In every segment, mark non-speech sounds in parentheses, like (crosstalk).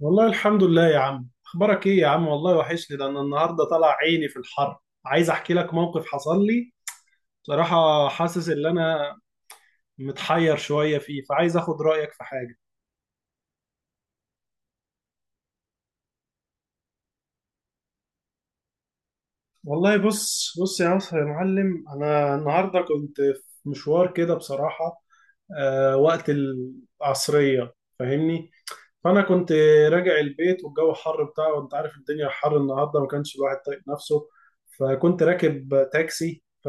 والله الحمد لله يا عم، اخبارك ايه يا عم؟ والله وحشني. ده انا النهارده طالع عيني في الحر، عايز احكي لك موقف حصل لي. بصراحة حاسس ان انا متحير شوية فيه، فعايز اخد رأيك في حاجة. والله بص يا عصر يا معلم، انا النهارده كنت في مشوار كده بصراحة. وقت العصرية فاهمني، فانا كنت راجع البيت والجو حر بتاعه، وانت عارف الدنيا حر النهارده، ما كانش الواحد طايق نفسه. فكنت راكب تاكسي ف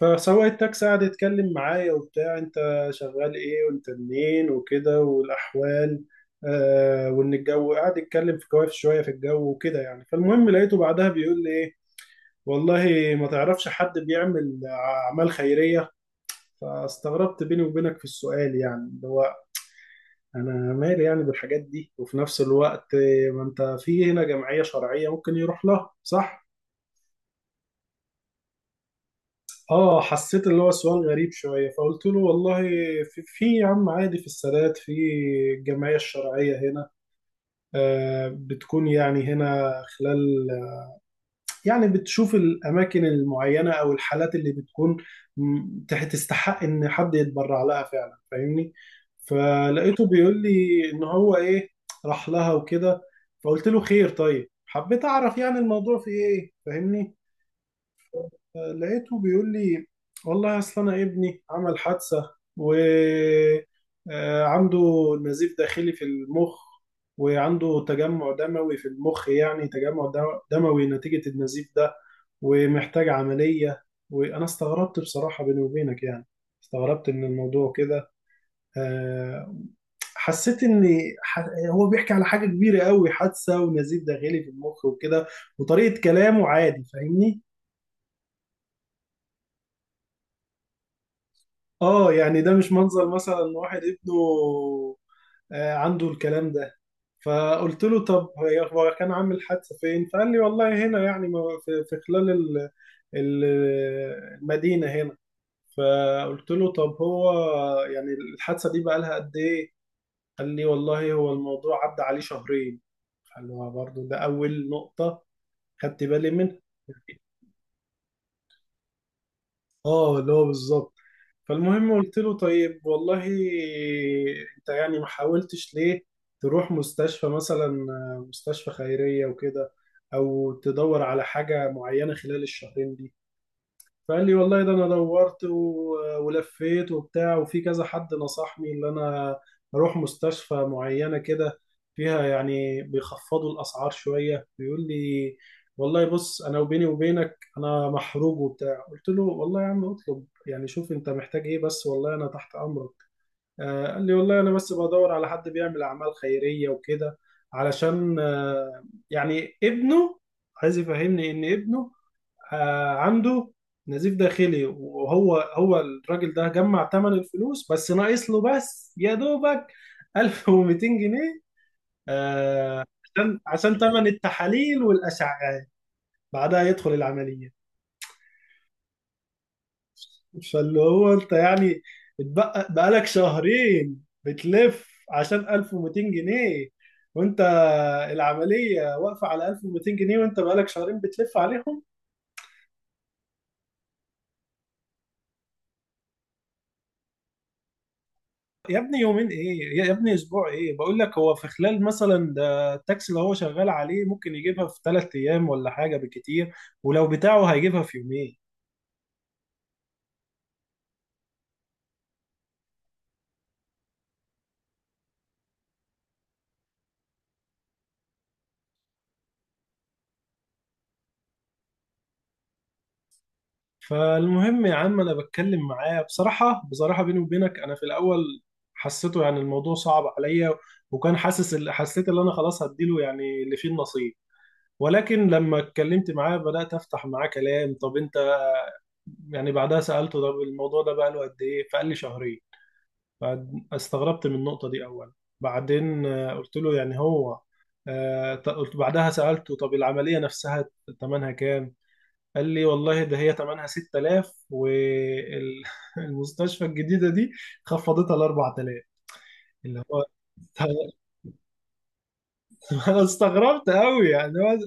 فسواق التاكسي قعد يتكلم معايا وبتاع، انت شغال ايه وانت منين وكده والاحوال. وان الجو قعد يتكلم في كواف شويه في الجو وكده يعني. فالمهم لقيته بعدها بيقول لي ايه، والله ما تعرفش حد بيعمل اعمال خيريه؟ فاستغربت بيني وبينك في السؤال، يعني اللي هو انا مالي يعني بالحاجات دي. وفي نفس الوقت ما انت في هنا جمعيه شرعيه ممكن يروح لها صح. اه، حسيت اللي هو سؤال غريب شوية، فقلت له والله في يا عم عادي في السادات في الجمعية الشرعية هنا، بتكون يعني هنا خلال، يعني بتشوف الأماكن المعينة أو الحالات اللي بتكون تستحق إن حد يتبرع لها فعلا فاهمني. فلقيته بيقول لي إن هو إيه، راح لها وكده. فقلت له خير، طيب حبيت أعرف يعني الموضوع في إيه فاهمني. لقيته بيقول لي والله اصل انا ابني عمل حادثه، و عنده نزيف داخلي في المخ، وعنده تجمع دموي في المخ، يعني تجمع دموي نتيجه النزيف ده، ومحتاج عمليه. وانا استغربت بصراحه بيني وبينك، يعني استغربت من الموضوع كده. آه، حسيت ان هو بيحكي على حاجه كبيره قوي، حادثه ونزيف داخلي في المخ وكده، وطريقه كلامه عادي فاهمني. اه يعني ده مش منظر مثلا إن واحد ابنه عنده الكلام ده. فقلت له طب هو كان عامل حادثة فين؟ فقال لي والله هنا يعني، في خلال ال- المدينة هنا. فقلت له طب هو يعني الحادثة دي بقالها قد ايه؟ قال لي والله هو الموضوع عدى عليه شهرين. قال له برضه ده أول نقطة خدت بالي منها. اه اللي هو بالظبط. فالمهم قلت له طيب والله انت يعني ما حاولتش ليه تروح مستشفى مثلا، مستشفى خيرية وكده، او تدور على حاجة معينة خلال الشهرين دي؟ فقال لي والله ده انا دورت ولفيت وبتاع، وفي كذا حد نصحني ان انا اروح مستشفى معينة كده فيها يعني بيخفضوا الاسعار شوية بيقول لي. والله بص انا وبيني وبينك انا محروق وبتاع، قلت له والله يا عم اطلب يعني، شوف انت محتاج ايه بس والله انا تحت امرك. قال لي والله انا بس بدور على حد بيعمل اعمال خيرية وكده علشان يعني ابنه، عايز يفهمني ان ابنه عنده نزيف داخلي، وهو الراجل ده جمع ثمن الفلوس، بس ناقص له بس يا دوبك 1200 جنيه، عشان ثمن التحاليل والاشعاعات، بعدها يدخل العمليه. فاللي هو انت يعني اتبقى بقالك شهرين بتلف عشان 1200 جنيه، وانت العمليه واقفه على 1200 جنيه وانت بقالك شهرين بتلف عليهم؟ يا ابني يومين ايه، يا ابني اسبوع ايه؟ بقول لك هو في خلال مثلا، ده التاكسي اللي هو شغال عليه ممكن يجيبها في ثلاث ايام ولا حاجه بالكتير، ولو بتاعه هيجيبها في يومين. فالمهم يا عم انا بتكلم معاه بصراحه، بيني وبينك انا في الاول حسيته يعني الموضوع صعب عليا، وكان حسيت ان انا خلاص هديله يعني اللي فيه النصيب. ولكن لما اتكلمت معاه بدات افتح معاه كلام، طب انت يعني، بعدها سالته طب الموضوع ده بقى له قد ايه؟ فقال لي شهرين. بعد استغربت من النقطة دي أولا. بعدين قلت له يعني هو قلت بعدها سألته طب العملية نفسها تمنها كام؟ قال لي والله ده هي تمنها 6000، والمستشفى (laughs) الجديدة دي خفضتها ل 4000، اللي هو (laughs) أنا استغربت قوي يعني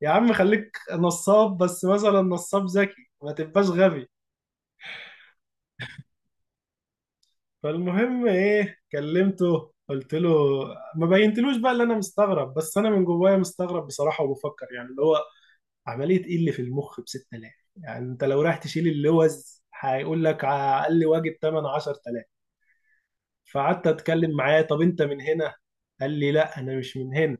يا عم خليك نصاب، بس مثلا نصاب ذكي، ما تبقاش غبي. فالمهم ايه كلمته قلت له ما بينتلوش بقى اللي انا مستغرب، بس انا من جوايا مستغرب بصراحه، وبفكر يعني اللي هو عمليه ايه اللي في المخ ب 6000؟ يعني انت لو رايح تشيل اللوز هيقول لك على اقل واجب 8 10000. فقعدت اتكلم معاه، طب انت من هنا؟ قال لي لا انا مش من هنا.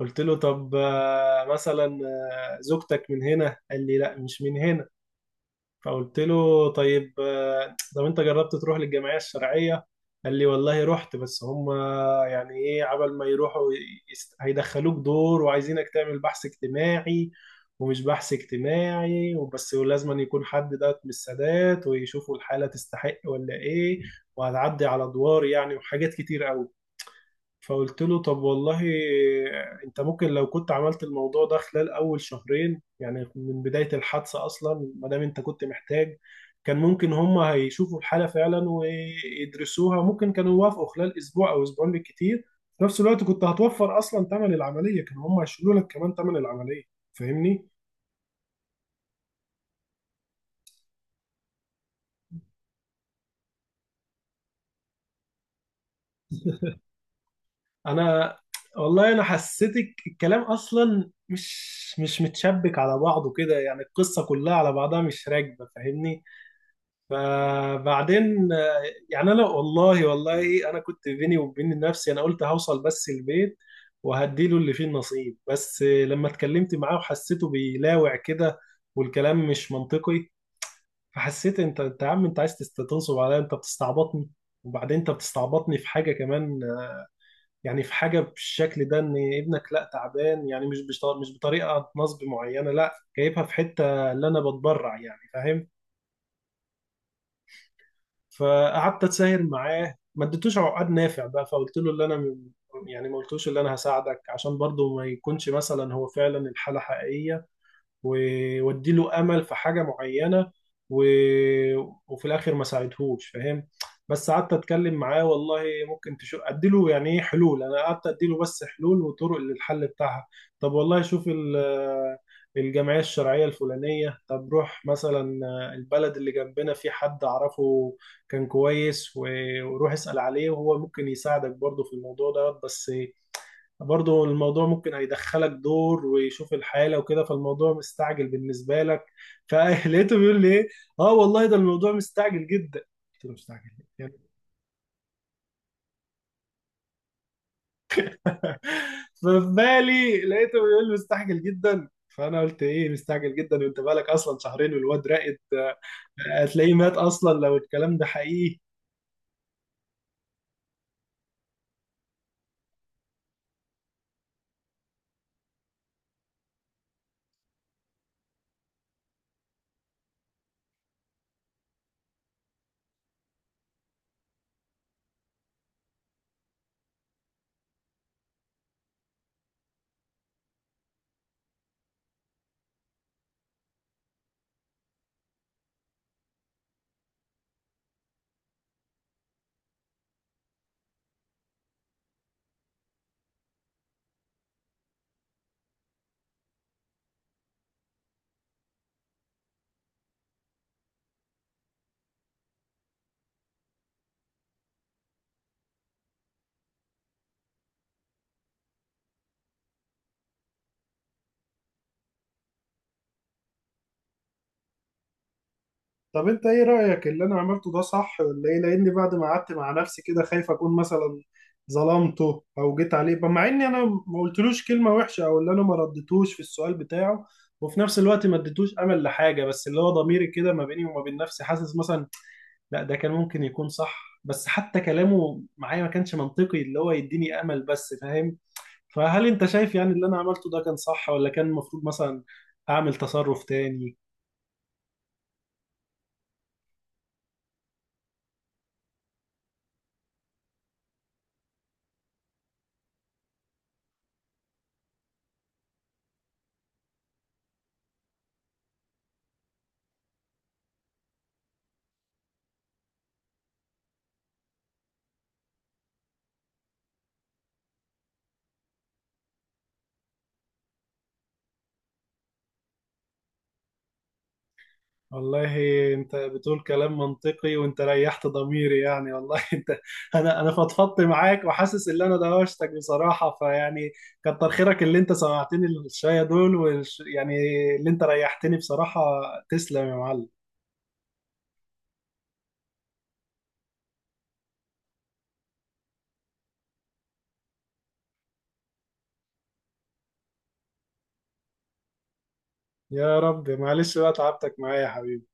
قلت له طب مثلا زوجتك من هنا؟ قال لي لا مش من هنا. فقلت له طيب طب انت جربت تروح للجمعيه الشرعيه؟ قال لي والله رحت، بس هم يعني ايه عبل ما يروحوا، هيدخلوك دور، وعايزينك تعمل بحث اجتماعي. ومش بحث اجتماعي وبس، ولازم أن يكون حد ده من السادات ويشوفوا الحاله تستحق ولا ايه، وهتعدي على ادوار يعني، وحاجات كتير قوي. فقلت له طب والله انت ممكن لو كنت عملت الموضوع ده خلال اول شهرين، يعني من بداية الحادثة اصلا، ما دام انت كنت محتاج، كان ممكن هم هيشوفوا الحالة فعلا ويدرسوها، ممكن كانوا يوافقوا خلال اسبوع او اسبوعين بالكتير. في نفس الوقت كنت هتوفر اصلا ثمن العملية، كانوا هم هيشيلوا لك كمان ثمن العملية فاهمني. انا والله انا حسيتك الكلام اصلا مش متشبك على بعضه كده، يعني القصة كلها على بعضها مش راكبة فاهمني. فبعدين يعني انا والله، انا كنت بيني وبين نفسي انا قلت هوصل بس البيت وهديله اللي فيه النصيب. بس لما اتكلمت معاه وحسيته بيلاوع كده والكلام مش منطقي، فحسيت انت يا عم انت عايز تنصب عليا، انت بتستعبطني. وبعدين انت بتستعبطني في حاجه كمان، يعني في حاجه بالشكل ده، ان ابنك لا تعبان، يعني مش مش بطريقه نصب معينه، لا جايبها في حته اللي انا بتبرع يعني فاهم. فقعدت اتساهر معاه ما اديتوش عقد نافع بقى، فقلت له اللي انا يعني ما قلتوش اللي انا هساعدك، عشان برضه ما يكونش مثلا هو فعلا الحالة حقيقية، وودي له امل في حاجه معينه، و... وفي الاخر ما ساعدهوش فاهم. بس قعدت اتكلم معاه، والله ممكن تشوف ادي له يعني ايه حلول، انا قعدت ادي له بس حلول وطرق للحل بتاعها، طب والله شوف الجمعيه الشرعيه الفلانيه، طب روح مثلا البلد اللي جنبنا في حد اعرفه كان كويس وروح اسال عليه، وهو ممكن يساعدك برضه في الموضوع ده، بس برضو الموضوع ممكن هيدخلك دور ويشوف الحالة وكده، فالموضوع مستعجل بالنسبة لك. (laughs) فلقيته بيقول لي ايه، اه والله ده الموضوع مستعجل جدا. قلت له مستعجل ليه؟ يعني (laughs) ففي بالي لقيته بيقول لي مستعجل جدا، فانا قلت ايه مستعجل جدا، وانت بالك اصلا شهرين والواد راقد، هتلاقيه مات اصلا لو الكلام ده حقيقي. طب انت ايه رأيك اللي انا عملته ده صح ولا ايه؟ لاني بعد ما قعدت مع نفسي كده خايف اكون مثلا ظلمته او جيت عليه، مع اني انا ما قلتلوش كلمة وحشة، او اللي انا ما ردتوش في السؤال بتاعه، وفي نفس الوقت ما اديتوش امل لحاجة. بس اللي هو ضميري كده ما بيني وما بين نفسي حاسس مثلا لا ده كان ممكن يكون صح، بس حتى كلامه معايا ما كانش منطقي اللي هو يديني امل بس فاهم. فهل انت شايف يعني اللي انا عملته ده كان صح، ولا كان المفروض مثلا اعمل تصرف تاني؟ والله انت بتقول كلام منطقي، وانت ريحت ضميري يعني، والله (laughs) انا فضفضت معاك، وحاسس ان انا دوشتك بصراحه فيعني، كتر خيرك اللي انت سمعتني الشويه دول يعني اللي انت ريحتني بصراحه. تسلم يا معلم. يا رب، معلش بقى تعبتك معايا يا حبيبي.